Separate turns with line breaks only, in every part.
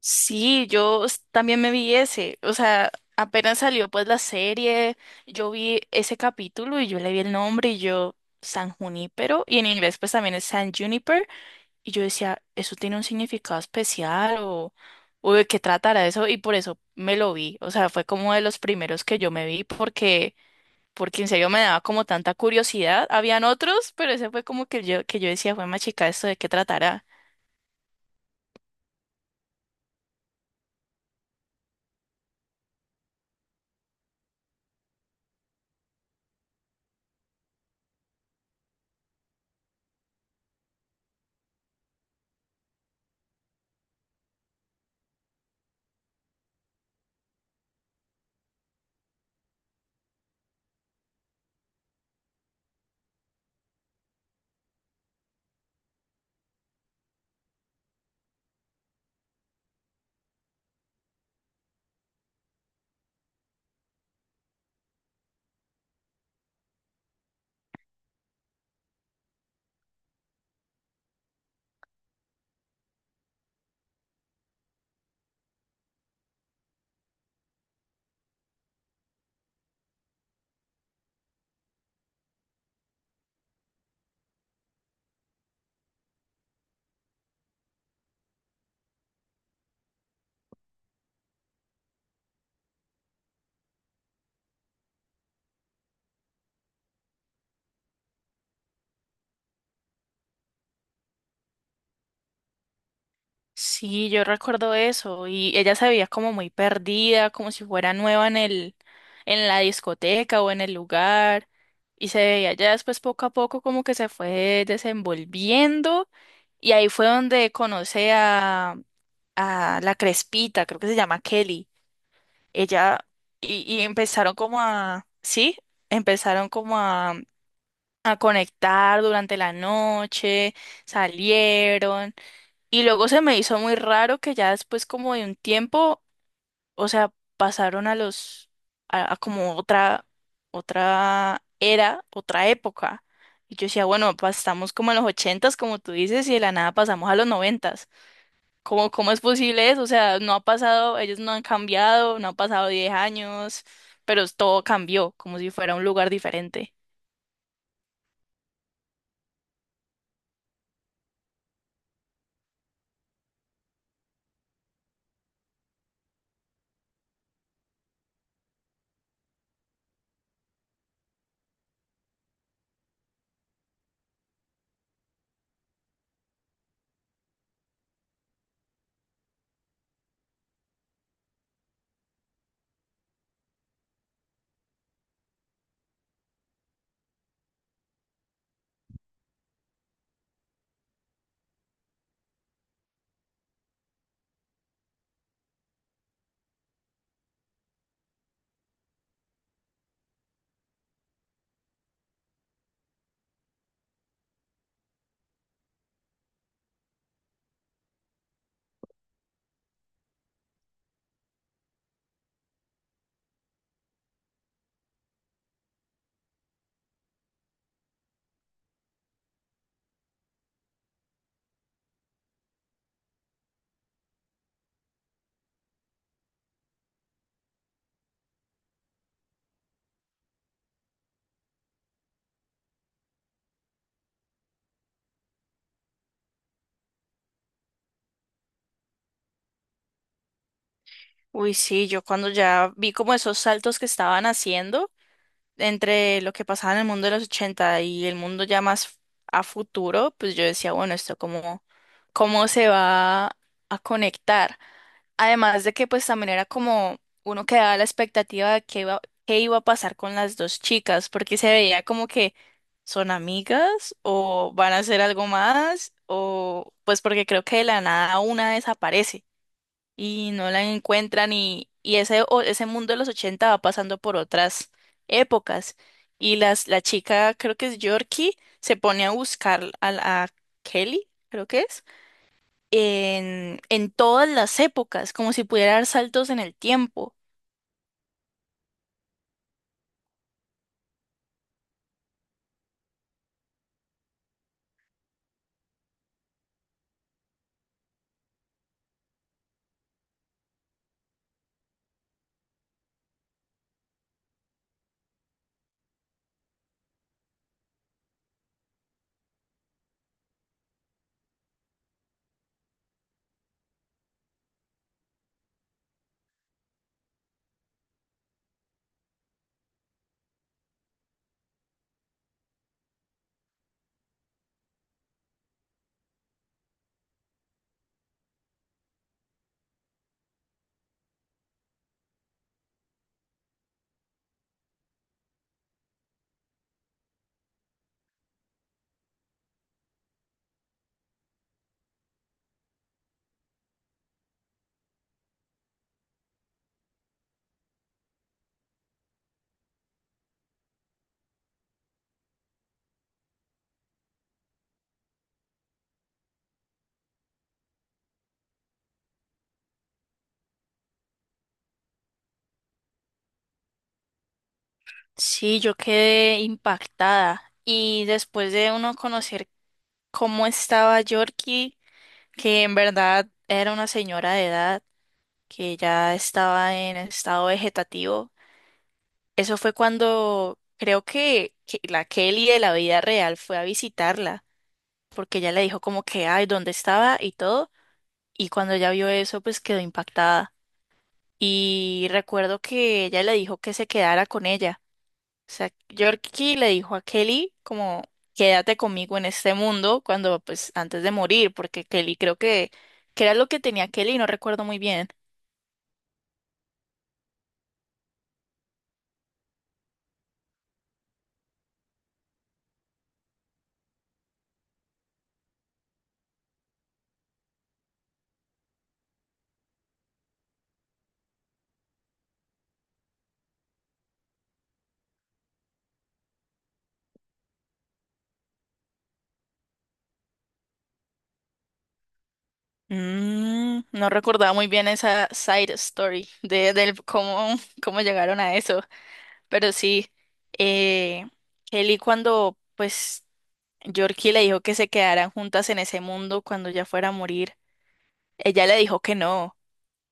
Sí, yo también me vi ese, o sea, apenas salió pues la serie, yo vi ese capítulo y yo le vi el nombre y yo, San Junípero, y en inglés pues también es San Juniper, y yo decía, ¿eso tiene un significado especial o de qué tratará eso? Y por eso me lo vi, o sea, fue como de los primeros que yo me vi porque en serio me daba como tanta curiosidad, habían otros, pero ese fue como que yo decía, fue más chica, ¿esto de qué tratará? Sí, yo recuerdo eso y ella se veía como muy perdida, como si fuera nueva en en la discoteca o en el lugar, y se veía ya después poco a poco como que se fue desenvolviendo, y ahí fue donde conoce a la Crespita, creo que se llama Kelly. Ella y sí, empezaron como a conectar durante la noche, salieron. Y luego se me hizo muy raro que ya después como de un tiempo, o sea, pasaron a los, a como otra era, otra época. Y yo decía, bueno, pues estamos como en los ochentas, como tú dices, y de la nada pasamos a los noventas. ¿Cómo es posible eso? O sea, no ha pasado, ellos no han cambiado, no han pasado 10 años, pero todo cambió, como si fuera un lugar diferente. Uy, sí, yo cuando ya vi como esos saltos que estaban haciendo entre lo que pasaba en el mundo de los 80 y el mundo ya más a futuro, pues yo decía, bueno, esto cómo se va a conectar. Además de que pues también era como uno quedaba a la expectativa de qué iba a pasar con las dos chicas, porque se veía como que son amigas o van a hacer algo más, o pues porque creo que de la nada una desaparece y no la encuentran y ese mundo de los 80 va pasando por otras épocas y la chica, creo que es Yorkie, se pone a buscar a Kelly, creo que es, en todas las épocas, como si pudiera dar saltos en el tiempo. Sí, yo quedé impactada y después de uno conocer cómo estaba Yorkie, que en verdad era una señora de edad, que ya estaba en estado vegetativo. Eso fue cuando creo que la Kelly de la vida real fue a visitarla, porque ella le dijo como que, ay, ¿dónde estaba? Y todo. Y cuando ella vio eso, pues quedó impactada. Y recuerdo que ella le dijo que se quedara con ella. O sea, Yorkie le dijo a Kelly como, quédate conmigo en este mundo cuando, pues, antes de morir, porque Kelly creo que era lo que tenía Kelly, no recuerdo muy bien. Mm, no recordaba muy bien esa side story del cómo llegaron a eso, pero sí, eh, Kelly cuando pues Yorkie le dijo que se quedaran juntas en ese mundo cuando ya fuera a morir, ella le dijo que no,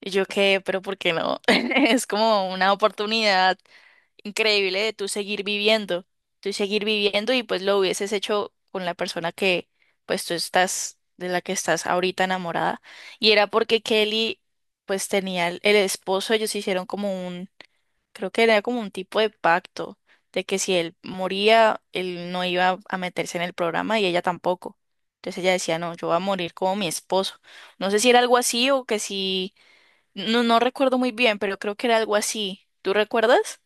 y yo qué, pero ¿por qué no? Es como una oportunidad increíble de tú seguir viviendo y pues lo hubieses hecho con la persona que pues tú estás, de la que estás ahorita enamorada. Y era porque Kelly pues tenía el esposo, ellos creo que era como un tipo de pacto de que si él moría, él no iba a meterse en el programa y ella tampoco. Entonces ella decía, no, yo voy a morir como mi esposo. No sé si era algo así o que si, no, no recuerdo muy bien, pero creo que era algo así. ¿Tú recuerdas?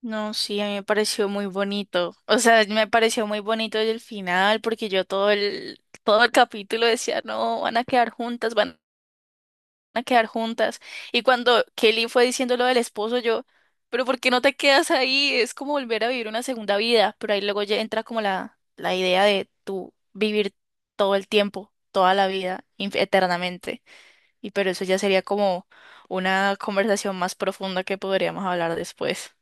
No, sí, a mí me pareció muy bonito. O sea, me pareció muy bonito el final porque yo todo el capítulo decía, no, van a quedar juntas, van a quedar juntas. Y cuando Kelly fue diciendo lo del esposo, yo, pero ¿por qué no te quedas ahí? Es como volver a vivir una segunda vida. Pero ahí luego ya entra como la idea de tú vivir todo el tiempo, toda la vida, eternamente. Y pero eso ya sería como una conversación más profunda que podríamos hablar después.